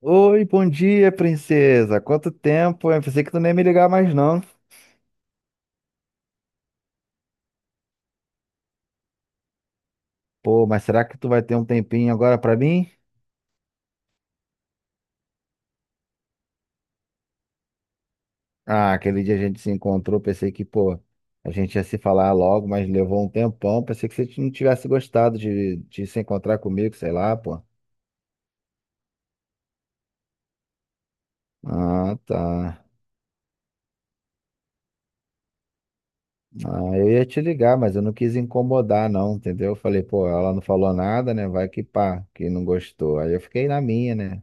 Oi, bom dia, princesa. Quanto tempo? Eu pensei que tu nem ia me ligar mais não. Pô, mas será que tu vai ter um tempinho agora pra mim? Ah, aquele dia a gente se encontrou, pensei que, pô, a gente ia se falar logo, mas levou um tempão. Pensei que você não tivesse gostado de se encontrar comigo, sei lá, pô. Ah, tá. Ah, eu ia te ligar, mas eu não quis incomodar, não, entendeu? Eu falei, pô, ela não falou nada, né? Vai que pá, que não gostou. Aí eu fiquei na minha, né?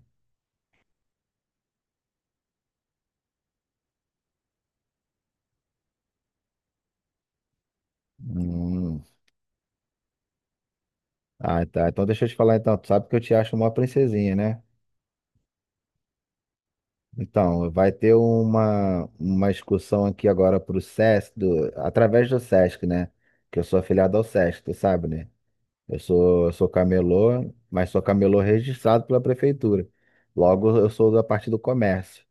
Hum. Ah, tá. Então deixa eu te falar então. Tu sabe que eu te acho uma princesinha, né? Então, vai ter uma excursão aqui agora pro Sesc, através do Sesc, né? Que eu sou afiliado ao Sesc, tu sabe, né? Eu sou camelô, mas sou camelô registrado pela prefeitura. Logo, eu sou da parte do comércio.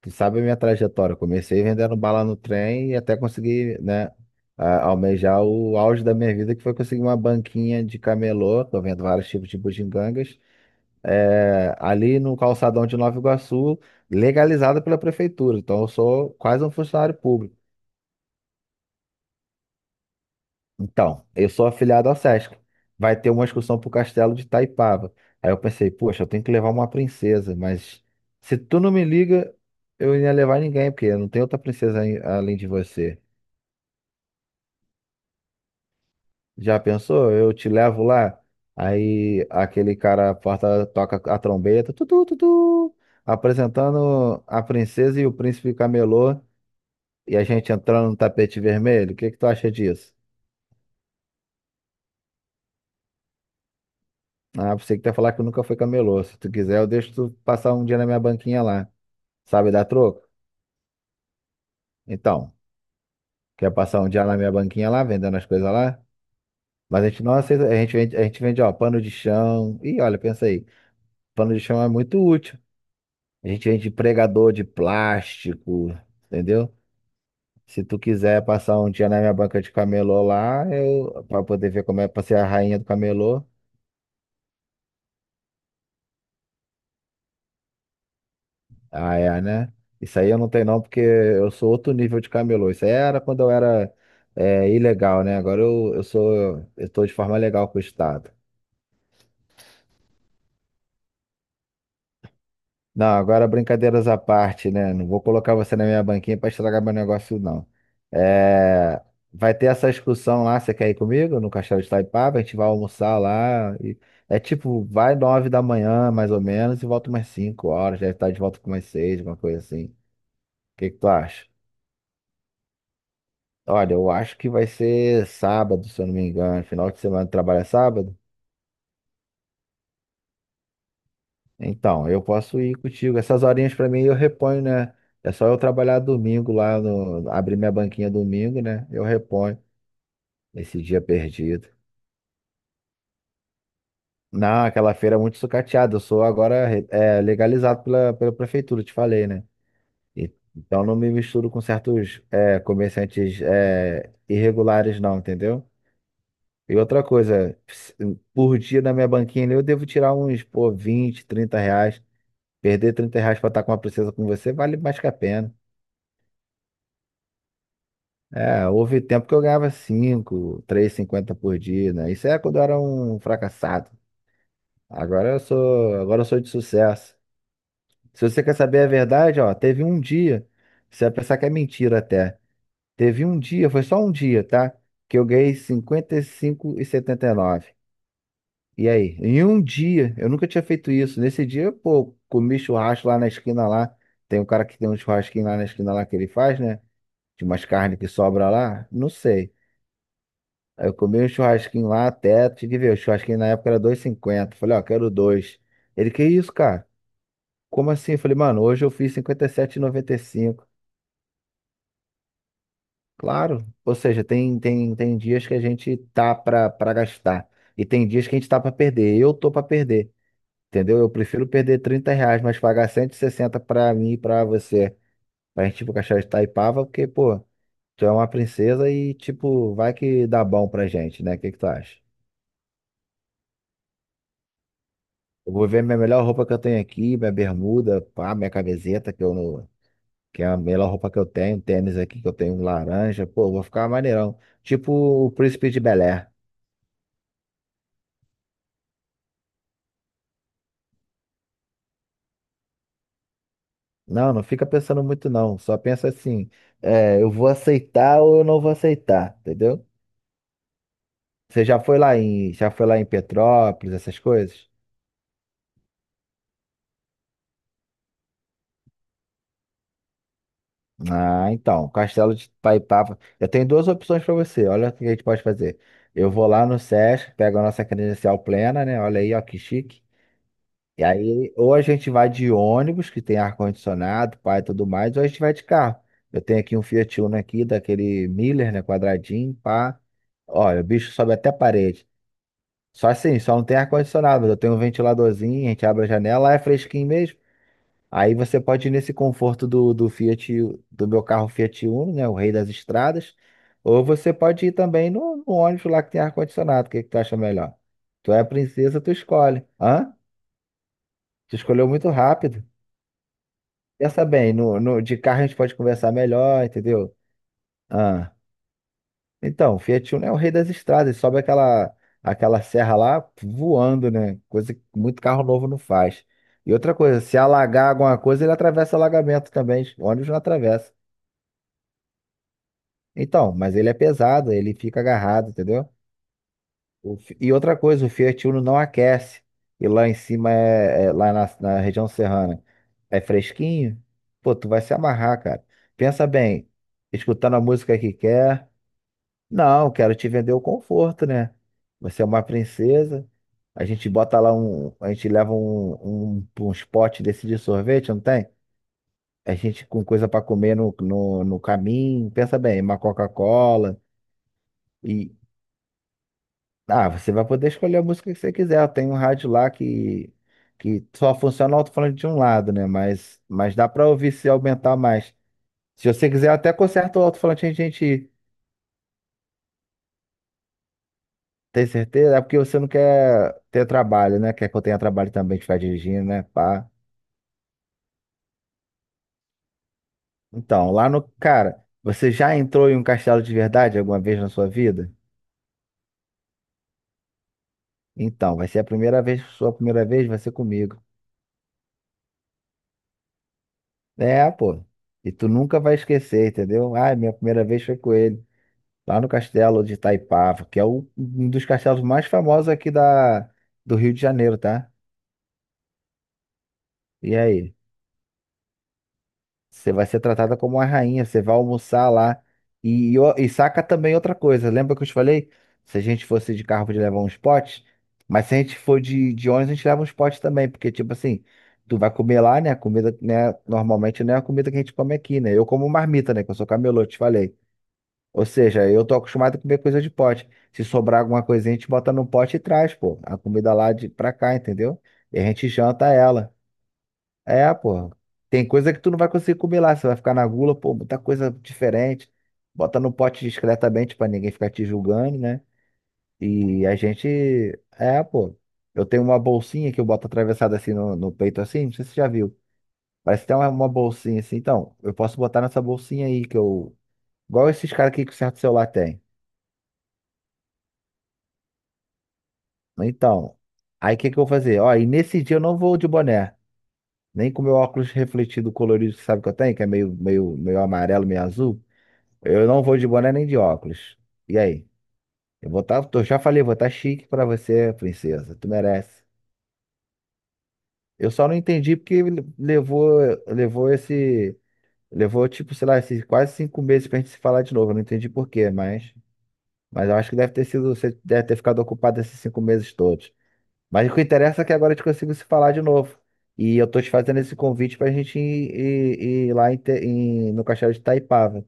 Tu sabe a minha trajetória. Eu comecei vendendo bala no trem e até conseguir, né, almejar o auge da minha vida, que foi conseguir uma banquinha de camelô. Tô vendo vários tipos de bugigangas, é, ali no calçadão de Nova Iguaçu, legalizada pela prefeitura. Então, eu sou quase um funcionário público. Então, eu sou afiliado ao Sesc. Vai ter uma excursão pro Castelo de Itaipava. Aí eu pensei, poxa, eu tenho que levar uma princesa, mas se tu não me liga, eu ia levar ninguém, porque não tem outra princesa aí além de você. Já pensou? Eu te levo lá, aí aquele cara a porta toca a trombeta, tutu, tutu, apresentando a princesa e o príncipe camelô. E a gente entrando no tapete vermelho, o que que tu acha disso? Ah, você que tá falar que nunca foi camelô. Se tu quiser, eu deixo tu passar um dia na minha banquinha lá. Sabe dar troco? Então, quer passar um dia na minha banquinha lá, vendendo as coisas lá? Mas a gente não aceita, a gente vende, ó, pano de chão. Ih, olha, pensa aí, pano de chão é muito útil. A gente vende pregador de plástico, entendeu? Se tu quiser passar um dia na minha banca de camelô lá, eu, pra poder ver como é pra ser a rainha do camelô. Ah, é, né? Isso aí eu não tenho não, porque eu sou outro nível de camelô. Isso aí era quando eu era ilegal, né? Agora eu tô de forma legal com o Estado. Não, agora brincadeiras à parte, né? Não vou colocar você na minha banquinha para estragar meu negócio, não. É, vai ter essa excursão lá, você quer ir comigo? No Castelo de Itaipava, a gente vai almoçar lá. Tipo, vai 9 da manhã, mais ou menos, e volta umas 5 horas, deve estar de volta com umas seis, uma coisa assim. O que que tu acha? Olha, eu acho que vai ser sábado, se eu não me engano. Final de semana trabalha sábado? Então, eu posso ir contigo. Essas horinhas pra mim eu reponho, né? É só eu trabalhar domingo lá no. Abrir minha banquinha domingo, né? Eu reponho esse dia perdido. Não, aquela feira é muito sucateada. Eu sou agora legalizado pela prefeitura, te falei, né? Então não me misturo com certos comerciantes irregulares, não, entendeu? E outra coisa, por dia na minha banquinha ali, eu devo tirar uns, pô, 20, 30 reais. Perder 30 reais pra estar com uma princesa com você vale mais que a pena. É, houve tempo que eu ganhava 5, cinquenta por dia, né? Isso é quando eu era um fracassado. Agora eu sou de sucesso. Se você quer saber a verdade, ó, teve um dia, você vai pensar que é mentira até. Teve um dia, foi só um dia, tá? Que eu ganhei cinquenta e cinco setenta e nove. E aí? Em um dia, eu nunca tinha feito isso. Nesse dia, pô, comi churrasco lá na esquina lá. Tem um cara que tem um churrasquinho lá na esquina lá que ele faz, né? De umas carnes que sobra lá. Não sei. Aí eu comi um churrasquinho lá até, tive que ver, o churrasquinho na época era dois e cinquenta. Falei, ó, quero dois. Ele, que isso, cara? Como assim? Eu falei, mano, hoje eu fiz cinquenta e sete e noventa e cinco. Claro. Ou seja, tem dias que a gente tá pra gastar. E tem dias que a gente tá pra perder. Eu tô pra perder. Entendeu? Eu prefiro perder R$ 30, mas pagar 160 pra mim e pra você. Pra gente, tipo, cachorro de Taipava, porque, pô, tu é uma princesa e, tipo, vai que dá bom pra gente, né? O que que tu acha? Eu vou ver minha melhor roupa que eu tenho aqui, minha bermuda, pá, minha camiseta, que eu não... que é a melhor roupa que eu tenho, tênis aqui que eu tenho laranja, pô, eu vou ficar maneirão. Tipo o príncipe de Bel-Air. Não, não fica pensando muito, não. Só pensa assim, é, eu vou aceitar ou eu não vou aceitar, entendeu? Você já foi lá em, já foi lá em Petrópolis, essas coisas? Ah, então, Castelo de Itaipava. Eu tenho duas opções para você. Olha o que a gente pode fazer. Eu vou lá no SESC, pego a nossa credencial plena, né? Olha aí, ó, que chique. E aí, ou a gente vai de ônibus, que tem ar-condicionado, pá e tudo mais, ou a gente vai de carro. Eu tenho aqui um Fiat Uno aqui, daquele Miller, né? Quadradinho, pá. Olha, o bicho sobe até a parede. Só assim, só não tem ar-condicionado, mas eu tenho um ventiladorzinho, a gente abre a janela, lá é fresquinho mesmo. Aí você pode ir nesse conforto do Fiat, do meu carro Fiat Uno, né? O rei das estradas. Ou você pode ir também no ônibus lá que tem ar-condicionado. O que, que tu acha melhor? Tu é a princesa, tu escolhe. Hã? Tu escolheu muito rápido. Pensa bem, no, no, de carro a gente pode conversar melhor, entendeu? Ah. Então, o Fiat Uno é o rei das estradas. Sobe aquela serra lá voando, né? Coisa que muito carro novo não faz. E outra coisa, se alagar alguma coisa, ele atravessa alagamento também. O ônibus não atravessa. Então, mas ele é pesado, ele fica agarrado, entendeu? E outra coisa, o Fiat Uno não aquece. E lá em cima é, lá na região serrana é fresquinho. Pô, tu vai se amarrar, cara. Pensa bem, escutando a música que quer. Não, quero te vender o conforto, né? Você é uma princesa. A gente bota lá um, a gente leva uns potes desse de sorvete, não tem? A gente com coisa pra comer no caminho. Pensa bem, uma Coca-Cola. E, Ah, você vai poder escolher a música que você quiser. Tem um rádio lá que só funciona o alto-falante de um lado, né? Mas dá pra ouvir se aumentar mais. Se você quiser, até conserta o alto-falante a gente tem certeza. É porque você não quer ter trabalho, né? Quer que eu tenha trabalho também de ficar dirigindo, né? Pá. Então, lá no. Cara, você já entrou em um castelo de verdade alguma vez na sua vida? Então, vai ser a primeira vez, sua primeira vez vai ser comigo. É, pô. E tu nunca vai esquecer, entendeu? Ah, minha primeira vez foi com ele. Lá no castelo de Itaipava, que é um dos castelos mais famosos aqui da, do Rio de Janeiro, tá? E aí, você vai ser tratada como uma rainha, você vai almoçar lá. E, e saca também outra coisa, lembra que eu te falei? Se a gente fosse de carro, podia levar uns potes, mas se a gente for de ônibus, a gente leva uns potes também, porque, tipo assim, tu vai comer lá, né? A comida, né? Normalmente não é a comida que a gente come aqui, né? Eu como marmita, né? Que eu sou camelô, te falei. Ou seja, eu tô acostumado a comer coisa de pote. Se sobrar alguma coisinha, a gente bota no pote e traz, pô. A comida lá de pra cá, entendeu? E a gente janta ela. É, pô. Tem coisa que tu não vai conseguir comer lá. Você vai ficar na gula, pô, muita coisa diferente. Bota no pote discretamente pra ninguém ficar te julgando, né? E a gente. É, pô. Eu tenho uma bolsinha que eu boto atravessada assim no peito, assim. Não sei se você já viu. Parece até uma bolsinha assim. Então, eu posso botar nessa bolsinha aí que eu. Igual esses caras aqui que o certo celular tem. Então, aí o que que eu vou fazer? Ó, e nesse dia eu não vou de boné, nem com meu óculos refletido colorido, que sabe que eu tenho, que é meio, meio, meio amarelo, meio azul. Eu não vou de boné nem de óculos. E aí? Eu vou estar, eu já falei, eu vou estar chique pra você, princesa. Tu merece. Eu só não entendi porque ele levou, levou esse, levou tipo, sei lá, esses quase 5 meses pra gente se falar de novo. Eu não entendi por quê, mas eu acho que deve ter sido, você deve ter ficado ocupado esses 5 meses todos. Mas o que interessa é que agora a gente consigo se falar de novo. E eu tô te fazendo esse convite pra gente ir, ir- ir lá em Te- em- no Castelo de Itaipava.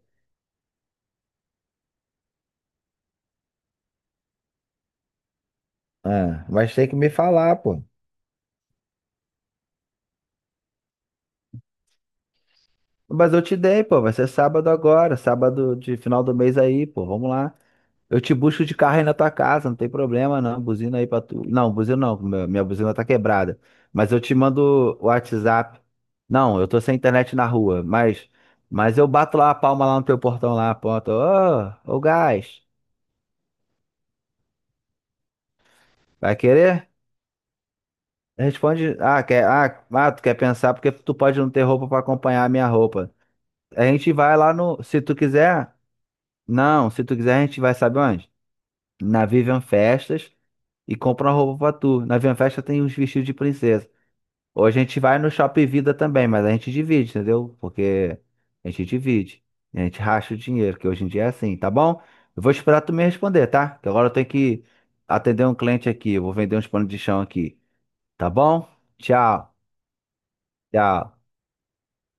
Ah, mas tem que me falar, pô. Mas eu te dei, pô. Vai ser sábado agora, sábado de final do mês aí, pô. Vamos lá. Eu te busco de carro aí na tua casa, não tem problema não. Buzina aí pra tu. Não, buzina não, minha buzina tá quebrada. Mas eu te mando o WhatsApp. Não, eu tô sem internet na rua, mas eu bato lá a palma lá no teu portão lá, ponto. Ô, ô gás. Vai querer? Responde. Ah, quer... ah, ah, tu quer pensar porque tu pode não ter roupa pra acompanhar a minha roupa. A gente vai lá no. Se tu quiser. Não, se tu quiser, a gente vai, sabe onde? Na Vivian Festas e compra uma roupa pra tu. Na Vivian Festa tem uns vestidos de princesa. Ou a gente vai no Shopping Vida também, mas a gente divide, entendeu? Porque a gente divide. A gente racha o dinheiro, que hoje em dia é assim, tá bom? Eu vou esperar tu me responder, tá? Que agora eu tenho que atender um cliente aqui. Eu vou vender uns panos de chão aqui. Tá bom? Tchau. Tchau.